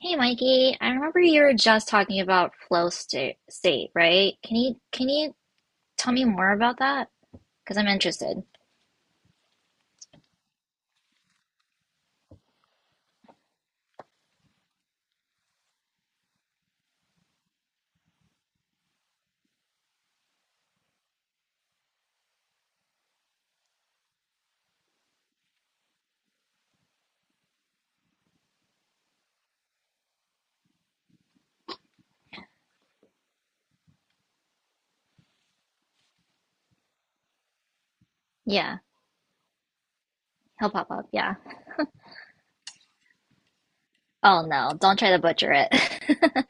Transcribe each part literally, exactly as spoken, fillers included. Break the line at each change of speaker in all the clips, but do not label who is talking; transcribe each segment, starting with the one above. Hey Mikey, I remember you were just talking about flow state, state, right? Can you can you tell me more about that? Because I'm interested. Yeah, he'll pop up. Yeah. Oh no, don't try to butcher it.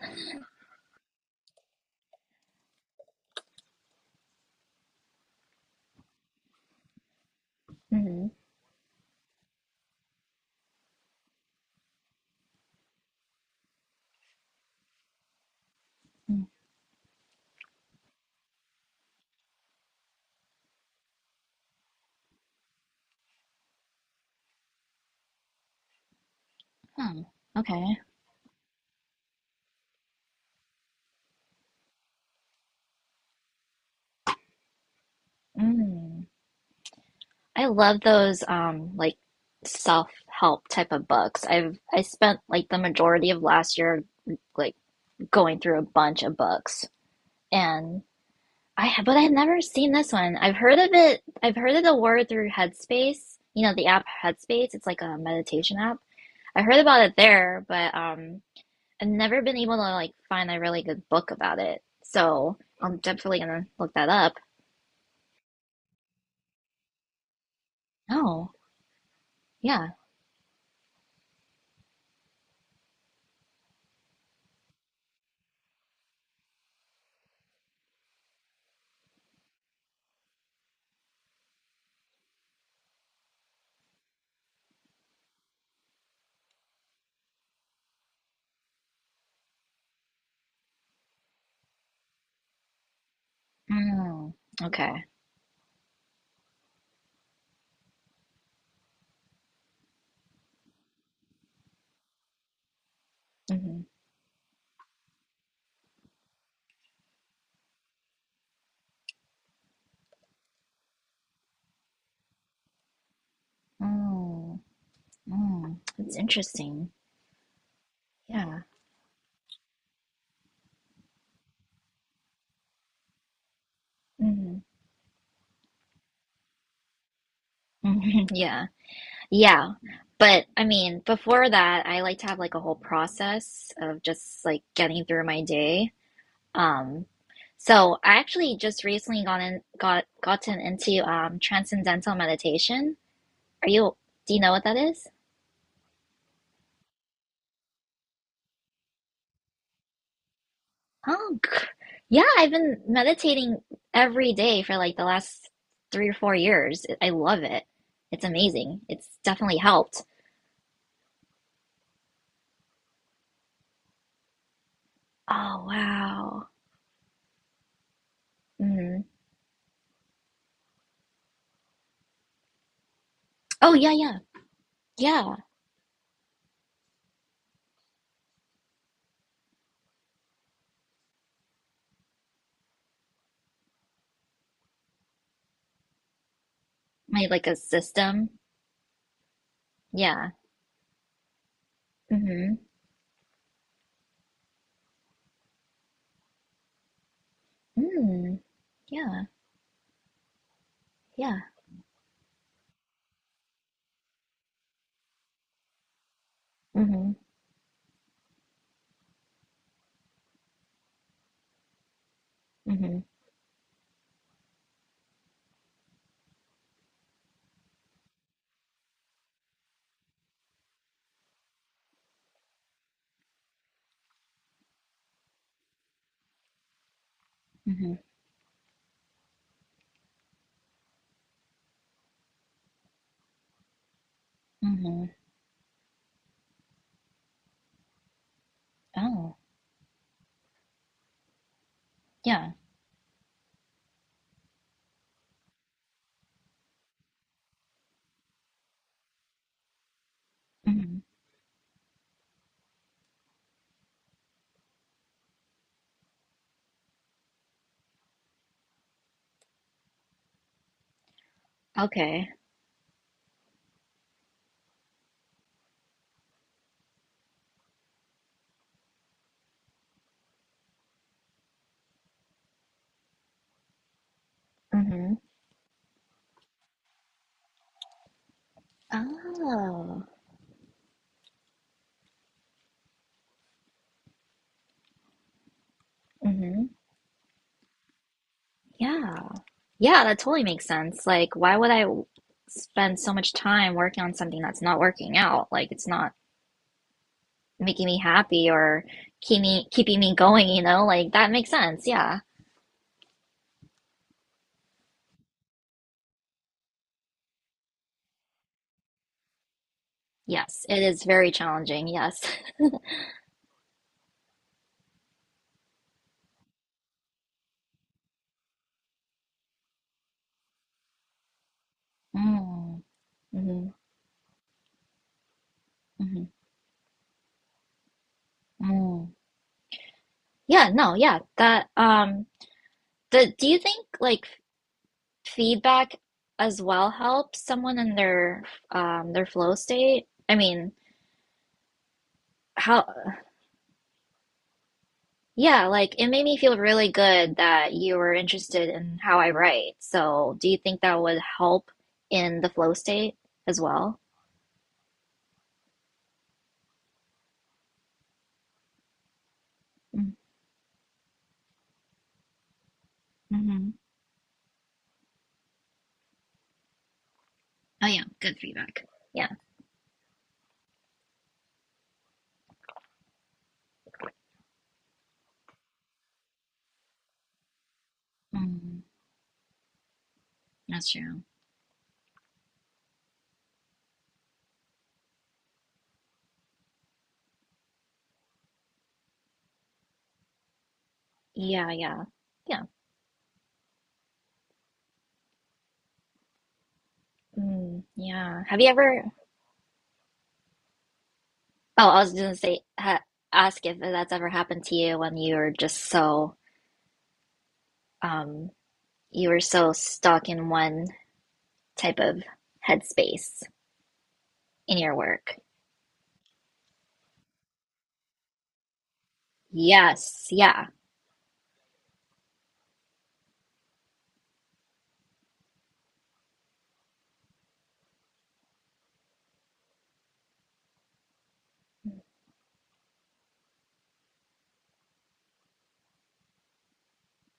Hmm. Hmm. Okay. Mm. I love those um like self-help type of books. I've I spent like the majority of last year, like going through a bunch of books. And I ha- but I've never seen this one. I've heard of it. I've heard of the word through Headspace. You know, the app Headspace. It's like a meditation app. I heard about it there, but um, I've never been able to like find a really good book about it. So I'm definitely gonna look that up. Oh, yeah. Mm, okay. Mm, mm, mm. That's interesting. Yeah. Mm, yeah. Yeah. But I mean, before that, I like to have like a whole process of just like getting through my day. Um, so I actually just recently gone in, got gotten into um transcendental meditation. Are you, do you know what that is? Oh, g- yeah, I've been meditating every day for like the last three or four years. I love it. It's amazing. It's definitely helped. Oh, wow. Mm. Oh, yeah, yeah. Yeah. My like a system. Yeah. Mm-hmm. Mm. Yeah. Yeah. Mm-hmm. Mm-hmm. Mm-hmm. Mm-hmm. Oh. Yeah. Mm-hmm. Okay. Mm-hmm. Oh. Mm-hmm. Yeah. Yeah, that totally makes sense. Like, why would I w- spend so much time working on something that's not working out? Like, it's not making me happy or keep me keeping me going, you know? Like, that makes sense. Yeah. Yes, it is very challenging. Yes. Mm. Mm-hmm. Mm-hmm. Yeah, no, yeah. That um the Do you think like feedback as well helps someone in their um their flow state? I mean, how yeah, like it made me feel really good that you were interested in how I write. So, do you think that would help in the flow state as well? Mm-hmm. Oh, yeah, good feedback. Yeah. Mm, that's true. Yeah, yeah. Yeah. Mm, yeah. Have you ever Oh, I was just gonna say, ha ask if that's ever happened to you when you were just so, um, you were so stuck in one type of headspace in your work. Yes, yeah.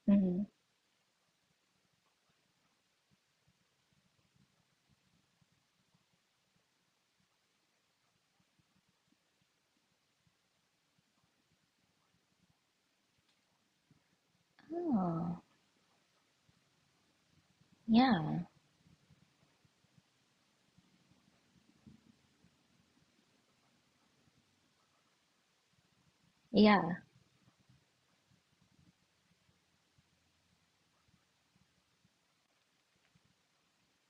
Hmm. Oh, yeah, yeah.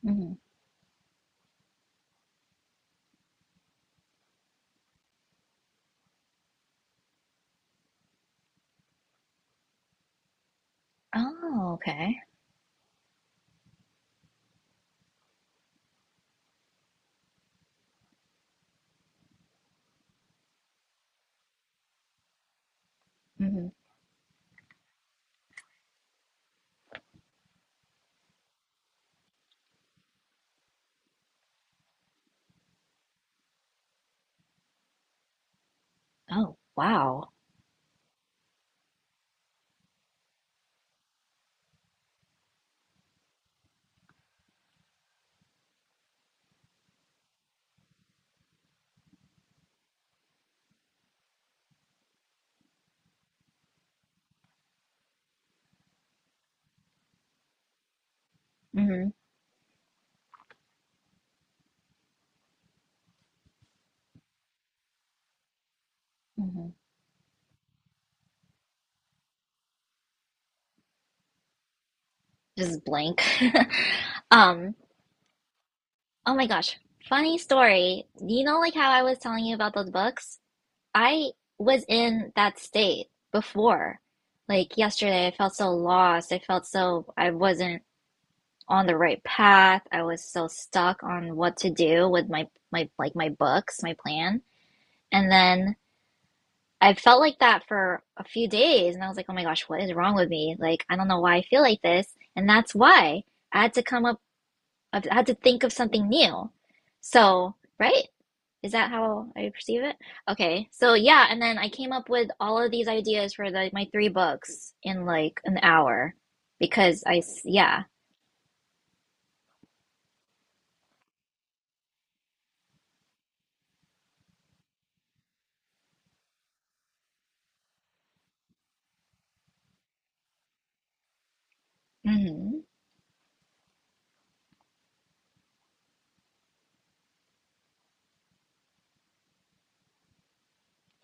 Hmm. Oh, okay. Hmm. Oh, wow. Hmm. Hmm. Just blank. Um, oh my gosh. Funny story. You know, like how I was telling you about those books? I was in that state before. Like yesterday, I felt so lost. I felt so I wasn't on the right path. I was so stuck on what to do with my my like my books, my plan. And then I felt like that for a few days and I was like, "Oh my gosh, what is wrong with me? Like, I don't know why I feel like this." And that's why I had to come up I had to think of something new. So, right? Is that how I perceive it? Okay. So yeah, and then I came up with all of these ideas for the my three books in like an hour because I s- yeah. Hmm.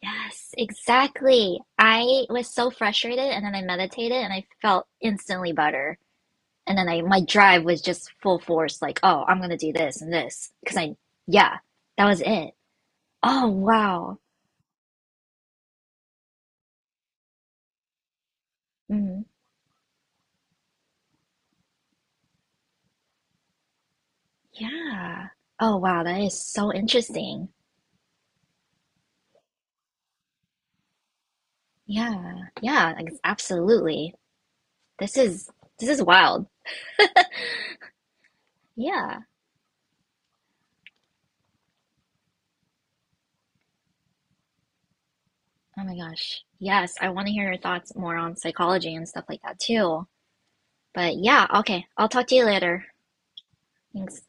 Yes, exactly. I was so frustrated and then I meditated and I felt instantly better. And then I my drive was just full force like, oh, I'm gonna do this and this because I yeah, that was it. Oh wow. Hmm. Yeah. Oh wow, that is so interesting. Yeah, yeah, ex- absolutely. This is this is wild. Yeah. Oh my gosh. Yes, I want to hear your thoughts more on psychology and stuff like that too. But yeah, okay. I'll talk to you later. Thanks.